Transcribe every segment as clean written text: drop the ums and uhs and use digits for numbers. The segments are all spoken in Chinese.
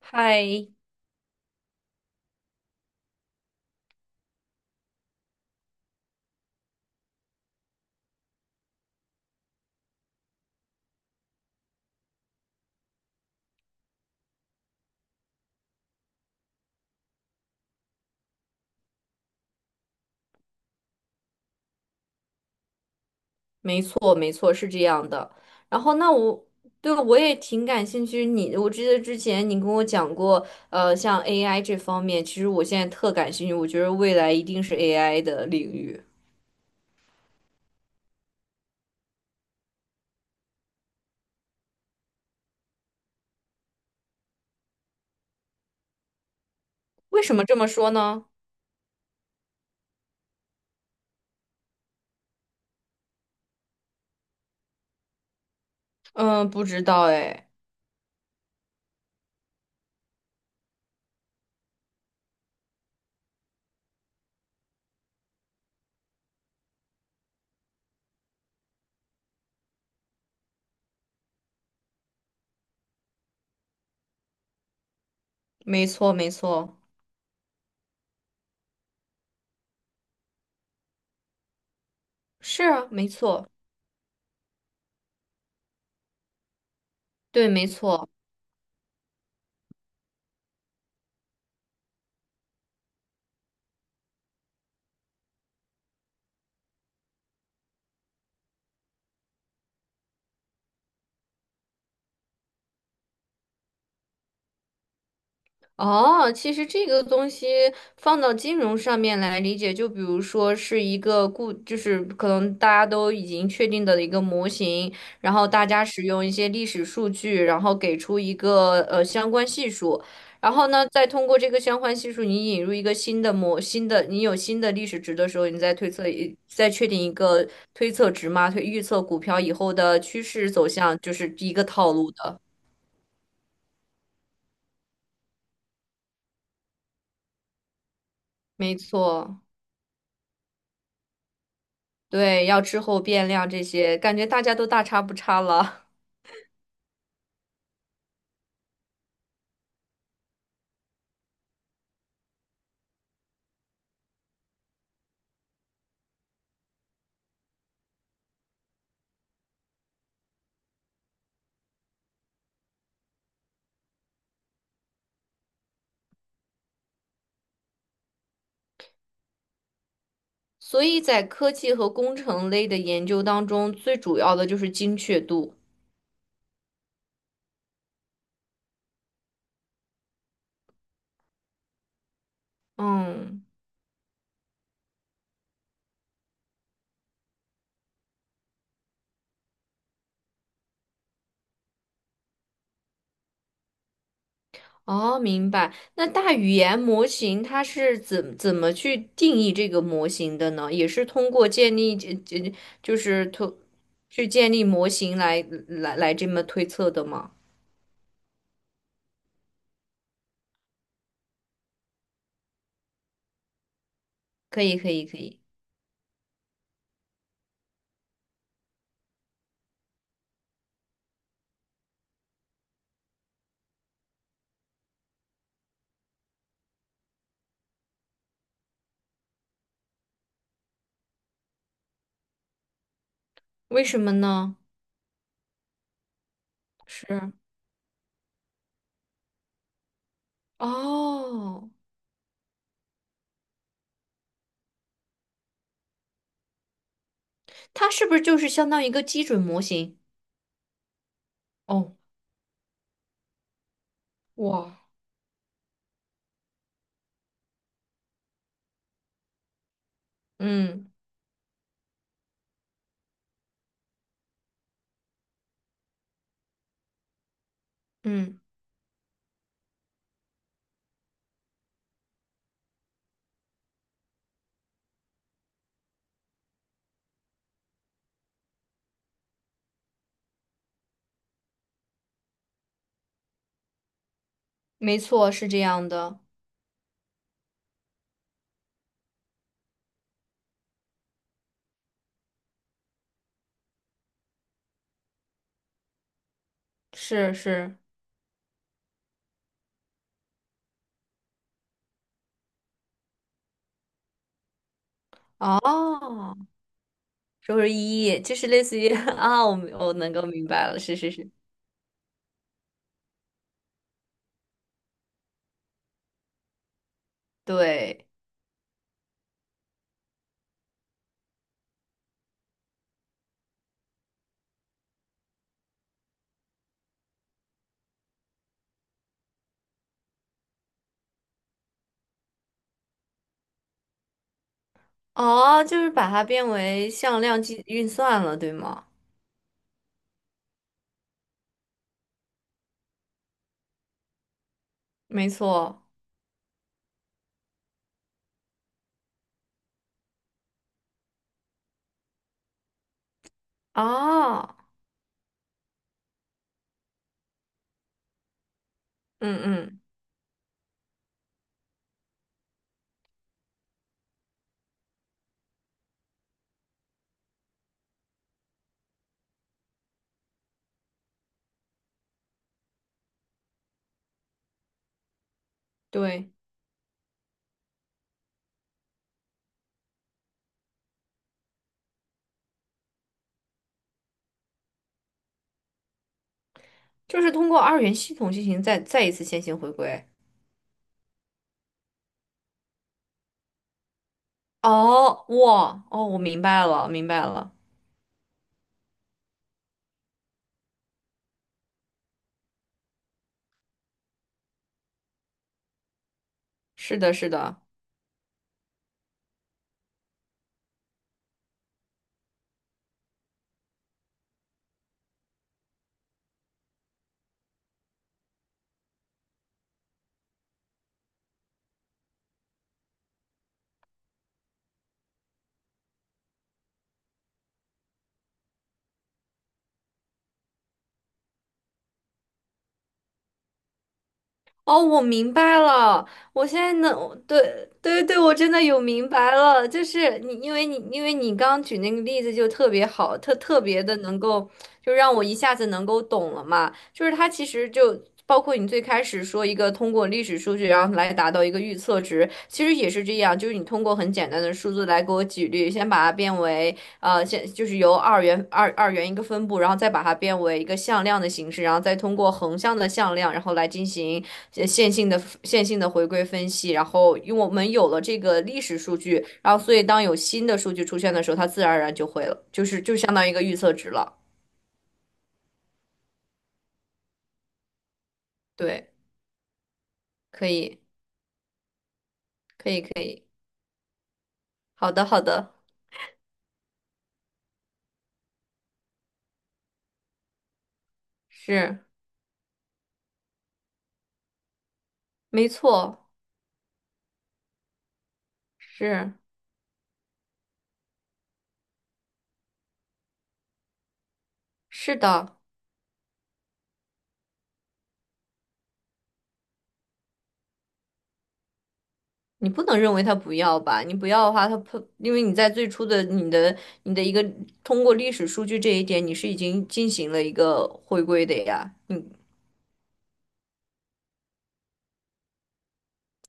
嗨，没错，没错，是这样的。然后，那我也挺感兴趣。你，我记得之前你跟我讲过，像 AI 这方面，其实我现在特感兴趣。我觉得未来一定是 AI 的领域。为什么这么说呢？嗯，不知道哎。没错，没错，是啊，没错，对，没错。哦，其实这个东西放到金融上面来理解，就比如说是一个固，就是可能大家都已经确定的一个模型，然后大家使用一些历史数据，然后给出一个相关系数，然后呢，再通过这个相关系数，你引入一个新的模，新的你有新的历史值的时候，你再推测一，再确定一个推测值嘛，推预测股票以后的趋势走向，就是一个套路的，没错。对，要滞后变量这些，感觉大家都大差不差了。所以在科技和工程类的研究当中，最主要的就是精确度。嗯，哦，明白。那大语言模型它是怎么去定义这个模型的呢？也是通过建立这这就是通去建立模型来这么推测的吗？可以，可以，可以。为什么呢？是哦，它是不是就是相当于一个基准模型？哦，哇，嗯嗯，没错，是这样的，是是，哦，周是一夜就是类似于 啊，我能够明白了，是是是，对，哦，就是把它变为向量计运算了，对吗？没错，啊，嗯嗯，对，就是通过二元系统进行再一次线性回归。哦，哇，哦，我明白了，明白了，是的，是的。哦，我明白了，我现在能，对对对，我真的有明白了，就是你，因为你，因为你刚举那个例子就特别好，特别的能够，就让我一下子能够懂了嘛，就是它其实就。包括你最开始说一个通过历史数据，然后来达到一个预测值，其实也是这样，就是你通过很简单的数字来给我举例，先把它变为先就是由二元一个分布，然后再把它变为一个向量的形式，然后再通过横向的向量，然后来进行。线性的回归分析，然后因为我们有了这个历史数据，然后所以当有新的数据出现的时候，它自然而然就会了，就是就相当于一个预测值了。对，可以，可以，可以。好的，好的，是，没错，是，是的。你不能认为它不要吧？你不要的话，它不，因为你在最初的你的一个通过历史数据这一点，你是已经进行了一个回归的呀。你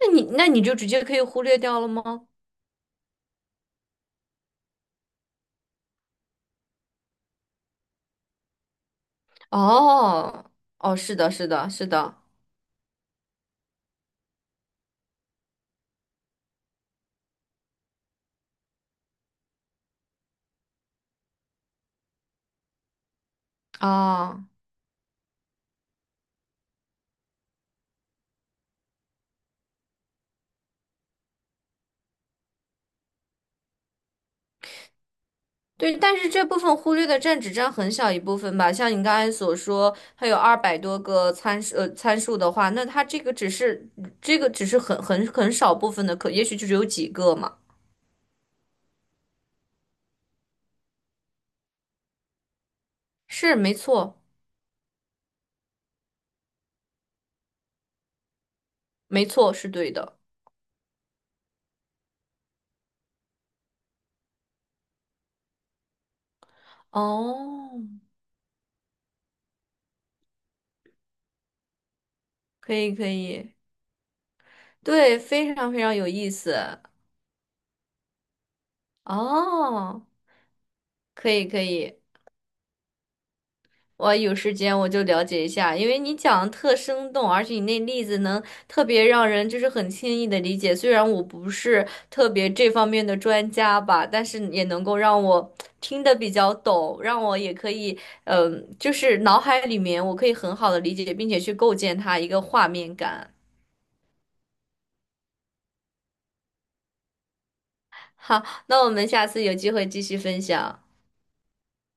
那你就直接可以忽略掉了吗？哦，哦，是的，是的，是的，啊，对，但是这部分忽略的占只占很小一部分吧。像你刚才所说，它有200多个参数，参数的话，那它这个只是这个只是很少部分的可，也许就只有几个嘛。是，没错，没错，是对的。哦，可以，可以，对，非常非常有意思。哦，可以，可以。我有时间我就了解一下，因为你讲的特生动，而且你那例子能特别让人就是很轻易的理解。虽然我不是特别这方面的专家吧，但是也能够让我听得比较懂，让我也可以，嗯、就是脑海里面我可以很好的理解，并且去构建它一个画面感。好，那我们下次有机会继续分享。